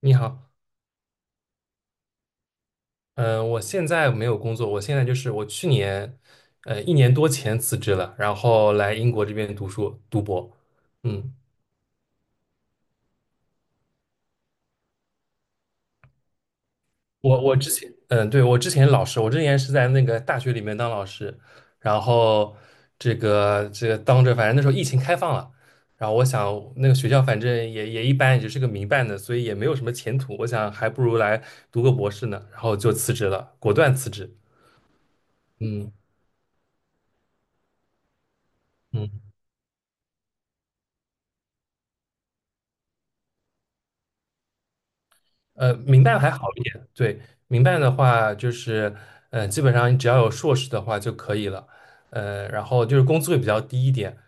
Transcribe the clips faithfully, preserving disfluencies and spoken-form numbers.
你好，嗯，我现在没有工作，我现在就是我去年，呃，一年多前辞职了，然后来英国这边读书读博。嗯，我我之前，嗯，对，我之前老师，我之前是在那个大学里面当老师，然后这个这个当着，反正那时候疫情开放了，然后我想那个学校反正也也一般，也就是个民办的，所以也没有什么前途，我想还不如来读个博士呢，然后就辞职了，果断辞职。嗯。嗯，呃，民办还好一点，对，民办的话就是，呃，基本上你只要有硕士的话就可以了，呃，然后就是工资会比较低一点，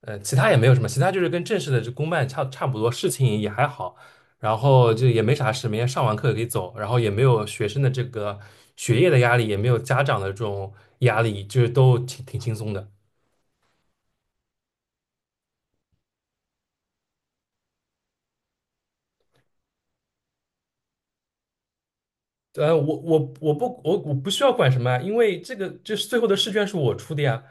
呃，其他也没有什么，其他就是跟正式的这公办差差不多，事情也还好，然后就也没啥事，每天上完课可以走，然后也没有学生的这个学业的压力，也没有家长的这种压力，就是都挺挺轻松的。呃，我我我不我我不需要管什么啊，因为这个就是最后的试卷是我出的呀。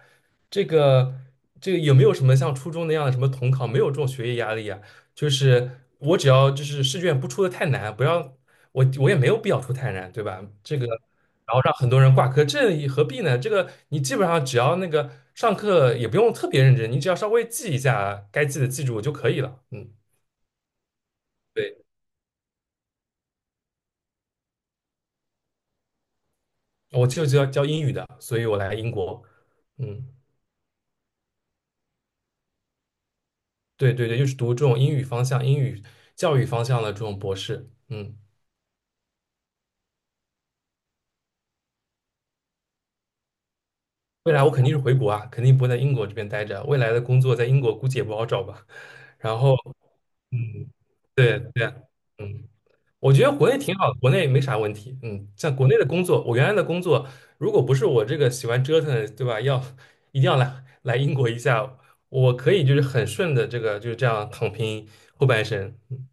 这个这个有没有什么像初中那样的什么统考，没有这种学业压力啊？就是我只要就是试卷不出的太难，不要我我也没有必要出太难，对吧？这个然后让很多人挂科，这也何必呢？这个你基本上只要那个上课也不用特别认真，你只要稍微记一下该记的记住就可以了。嗯，对，我就教教英语的，所以我来英国，嗯。对对对，就是读这种英语方向、英语教育方向的这种博士。嗯，未来我肯定是回国啊，肯定不会在英国这边待着。未来的工作在英国估计也不好找吧。然后，嗯，对对，嗯，我觉得国内挺好的，国内没啥问题。嗯，像国内的工作，我原来的工作，如果不是我这个喜欢折腾，对吧？要一定要来来英国一下，我可以就是很顺的这个就是这样躺平后半生。嗯。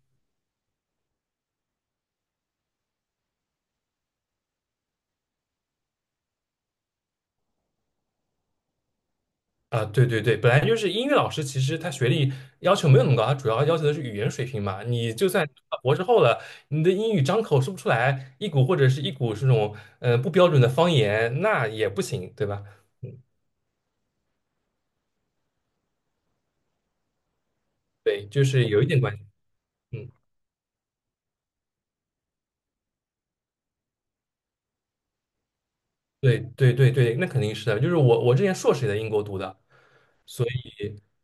啊，对对对，本来就是英语老师，其实他学历要求没有那么高，他主要要求的是语言水平嘛。你就算博士后了，你的英语张口说不出来一股或者是一股这种呃不标准的方言，那也不行，对吧？对，就是有一点关系。嗯，对对对对，那肯定是的。就是我我之前硕士也在英国读的，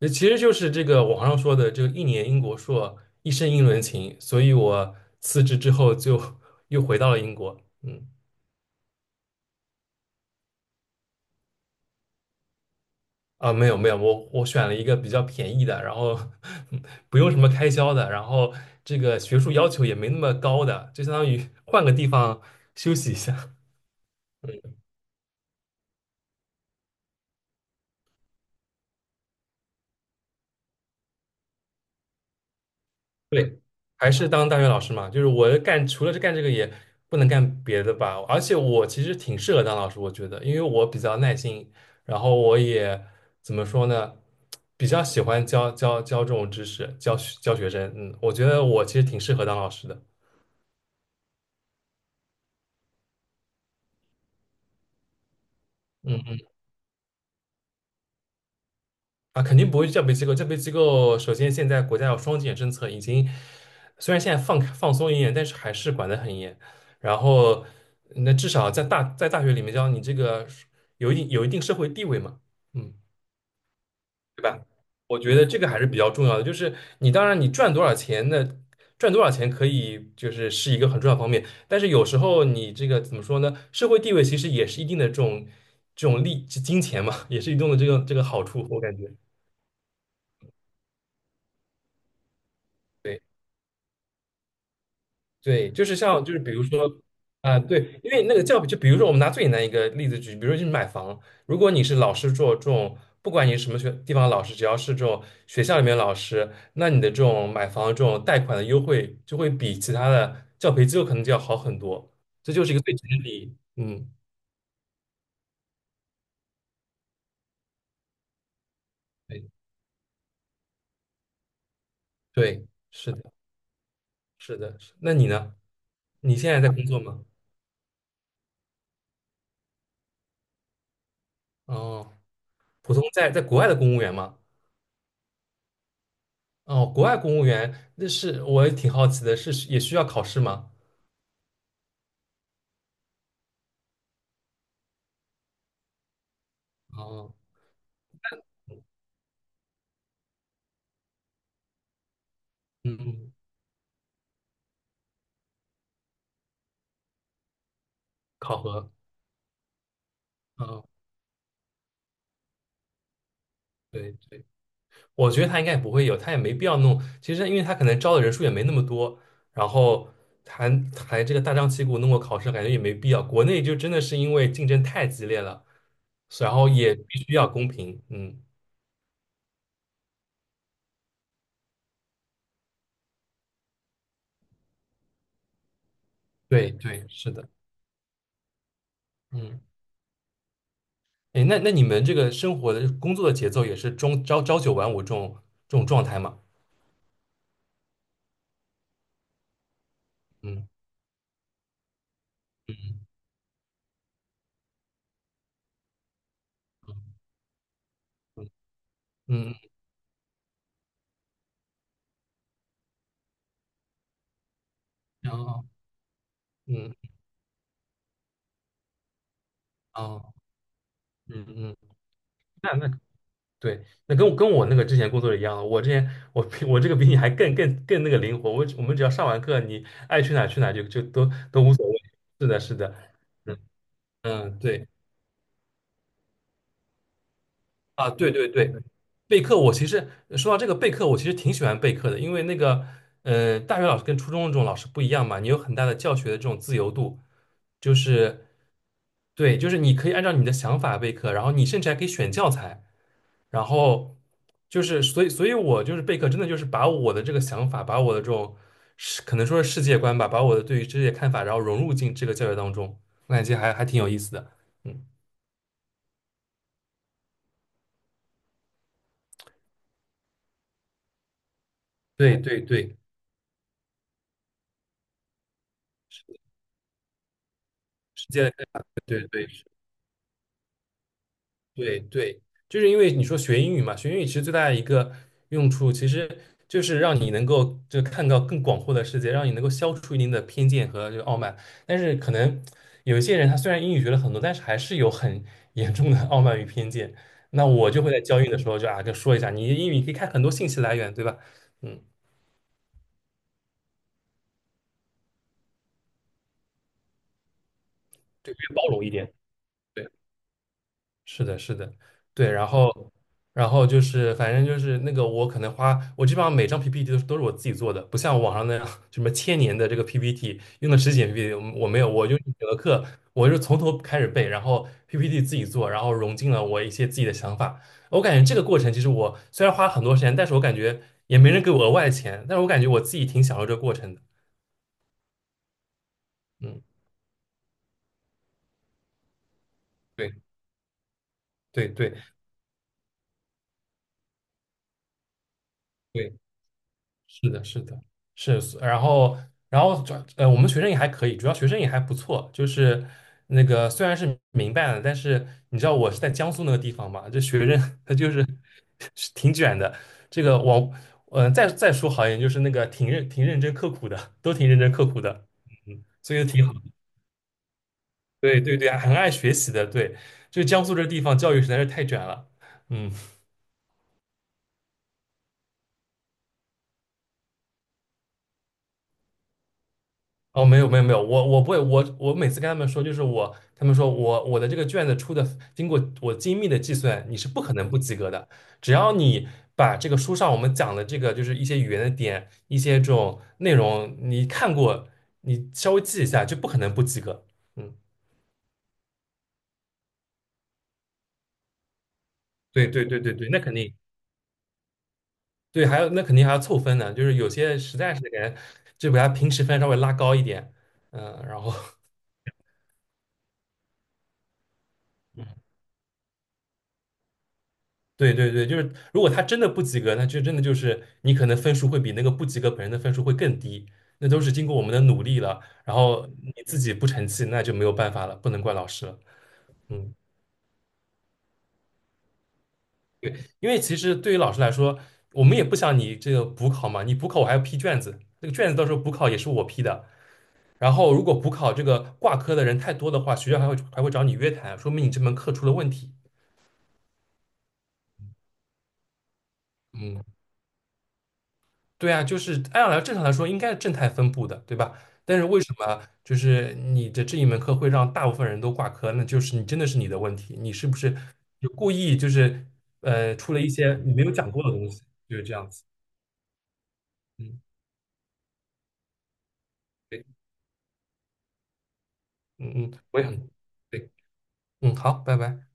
呃其实就是这个网上说的这个一年英国硕，一生英伦情，所以我辞职之后就 又回到了英国。嗯。啊，没有没有，我我选了一个比较便宜的，然后 不用什么开销的，然后这个学术要求也没那么高的，就相当于 换个地方休息一下。对，还是当大学老师嘛，就是我干除了干这个也不能干别的吧，而且我其实挺适合当老师，我觉得，因为我比较耐心，然后我也怎么说呢，比较喜欢教教教这种知识，教学教学生，嗯，我觉得我其实挺适合当老师的，嗯。啊，肯定不会叫培机构。叫培机构，首先现在国家有双减政策，已经虽然现在放放松一点，但是还是管得很严。然后，那至少在大在大学里面，教你这个有一定有一定社会地位嘛，嗯，对吧？我觉得这个还是比较重要的。就是你当然你赚多少钱那赚多少钱可以就是是一个很重要的方面，但是有时候你这个怎么说呢？社会地位其实也是一定的这种这种利金钱嘛，也是一定的这个这个好处，我感觉。对。对，就是像就是比如说，啊、对，因为那个教育，就比如说我们拿最简单一个例子举，比如说就是买房，如果你是老师做这种，不管你是什么学地方的老师，只要是这种学校里面的老师，那你的这种买房这种贷款的优惠就会比其他的教培机构可能就要好很多，这就是一个最直接的比，嗯，对对，是的，是的，是那你呢？你现在在工作吗？哦，普通在在国外的公务员吗？哦，国外公务员，那是我也挺好奇的，是也需要考试吗？哦，嗯，考核，嗯，对，我觉得他应该也不会有，他也没必要弄。其实，因为他可能招的人数也没那么多，然后还还这个大张旗鼓弄个考试，感觉也没必要。国内就真的是因为竞争太激烈了，然后也必须要公平。嗯，对对，是的，嗯，哎，那那你们这个生活的工作的节奏也是中朝朝九晚五这种这种状态吗？嗯嗯嗯。嗯哦，嗯，哦，嗯嗯，那那对，那跟我跟我那个之前工作的一样，我之前我比我这个比你还更更更那个灵活，我只我们只要上完课，你爱去哪儿去哪儿就就都都无所谓。是的，是的，嗯嗯，对啊，对对对，备课，我其实呃说到这个备课，我其实挺喜欢备课的，因为那个，呃，大学老师跟初中的这种老师不一样嘛，你有很大的教学的这种自由度，就是，对，就是你可以按照你的想法备课，然后你甚至还可以选教材，然后就是，所以，所以我就是备课，真的就是把我的这个想法，把我的这种世，可能说是世界观吧，把我的对于这些看法，然后融入进这个教学当中，我感觉还还挺有意思的，嗯，对对对，世界，对对对。对对，就是因为你说学英语嘛，学英语其实最大的一个用处，其实就是让你能够就看到更广阔的世界，让你能够消除一定的偏见和这个傲慢。但是可能有一些人，他虽然英语学了很多，但是还是有很 严重的傲慢与偏见。那我就会在教育的时候就啊，就说一下，你英语可以看很多信息来源，对吧？嗯，对，包容一点。对。是的，是的，对，然后，然后就是，反正就是那个，我可能花，我基本上每张 P P T 都是都是我自己做的，不像网上那样什么千年的这个 P P T，用的十几年 P P T，我没有，我就是选了课，我就是从头开始背，然后 P P T 自己做，然后融进了我一些自己的想法。我感觉这个过程其实我虽然花了很多时间，但是我感觉也没人给我额外的钱，但是我感觉我自己挺享受这个过程的。嗯，对，对，对，对。是的，是的，是，然后，然后主要呃，我们学生也还可以，主要学生也还不错，就是那个虽然是民办的，但是你知道我是在江苏那个地方嘛，这学生 他就是 是挺卷的。这个我，呃，再再说好一点，就是那个挺认挺认真刻苦的，都挺认真刻苦的，嗯，所以挺好的。对对对，很爱学习的，对，就江苏这地方教育实在是太卷了，嗯。哦，没有没有没有，我我不会，我我每次跟他们说，就是我，他们说我我的这个卷子出的，经过我精密的计算，你是不可能不及格的。只要你把这个书上我们讲的这个，就是一些语言的点，一些这种内容，你看过，你稍微记一下，就不可能不及格。嗯，对对对对对，那肯定，对，还有那肯定还要凑分呢，就是有些实在是感觉就把他平时分稍微拉高一点，嗯，然后 对对对，就是如果他真的不及格，那就真的就是你可能分数会比那个不及格本人的分数会更低，那都是经过我们的努力了，然后你自己不成器，那就没有办法了，不能怪老师了。嗯，对，因为其实对于老师来说，我们也不想你这个补考嘛，你补考我还要批卷子，那个卷子到时候补考也是我批的。然后如果补考这个挂科的人太多的话，学校还会还会找你约谈，说明你这门课出了问题。嗯。对啊，就是按来正常来说应该是正态分布的，对吧？但是为什么就是你的这一门课会让大部分人都挂科？那就是你真的是你的问题，你是不是就故意就是呃出了一些你没有讲过的东西，就是这样子。嗯，对，嗯嗯，我也很对，嗯，好，拜拜。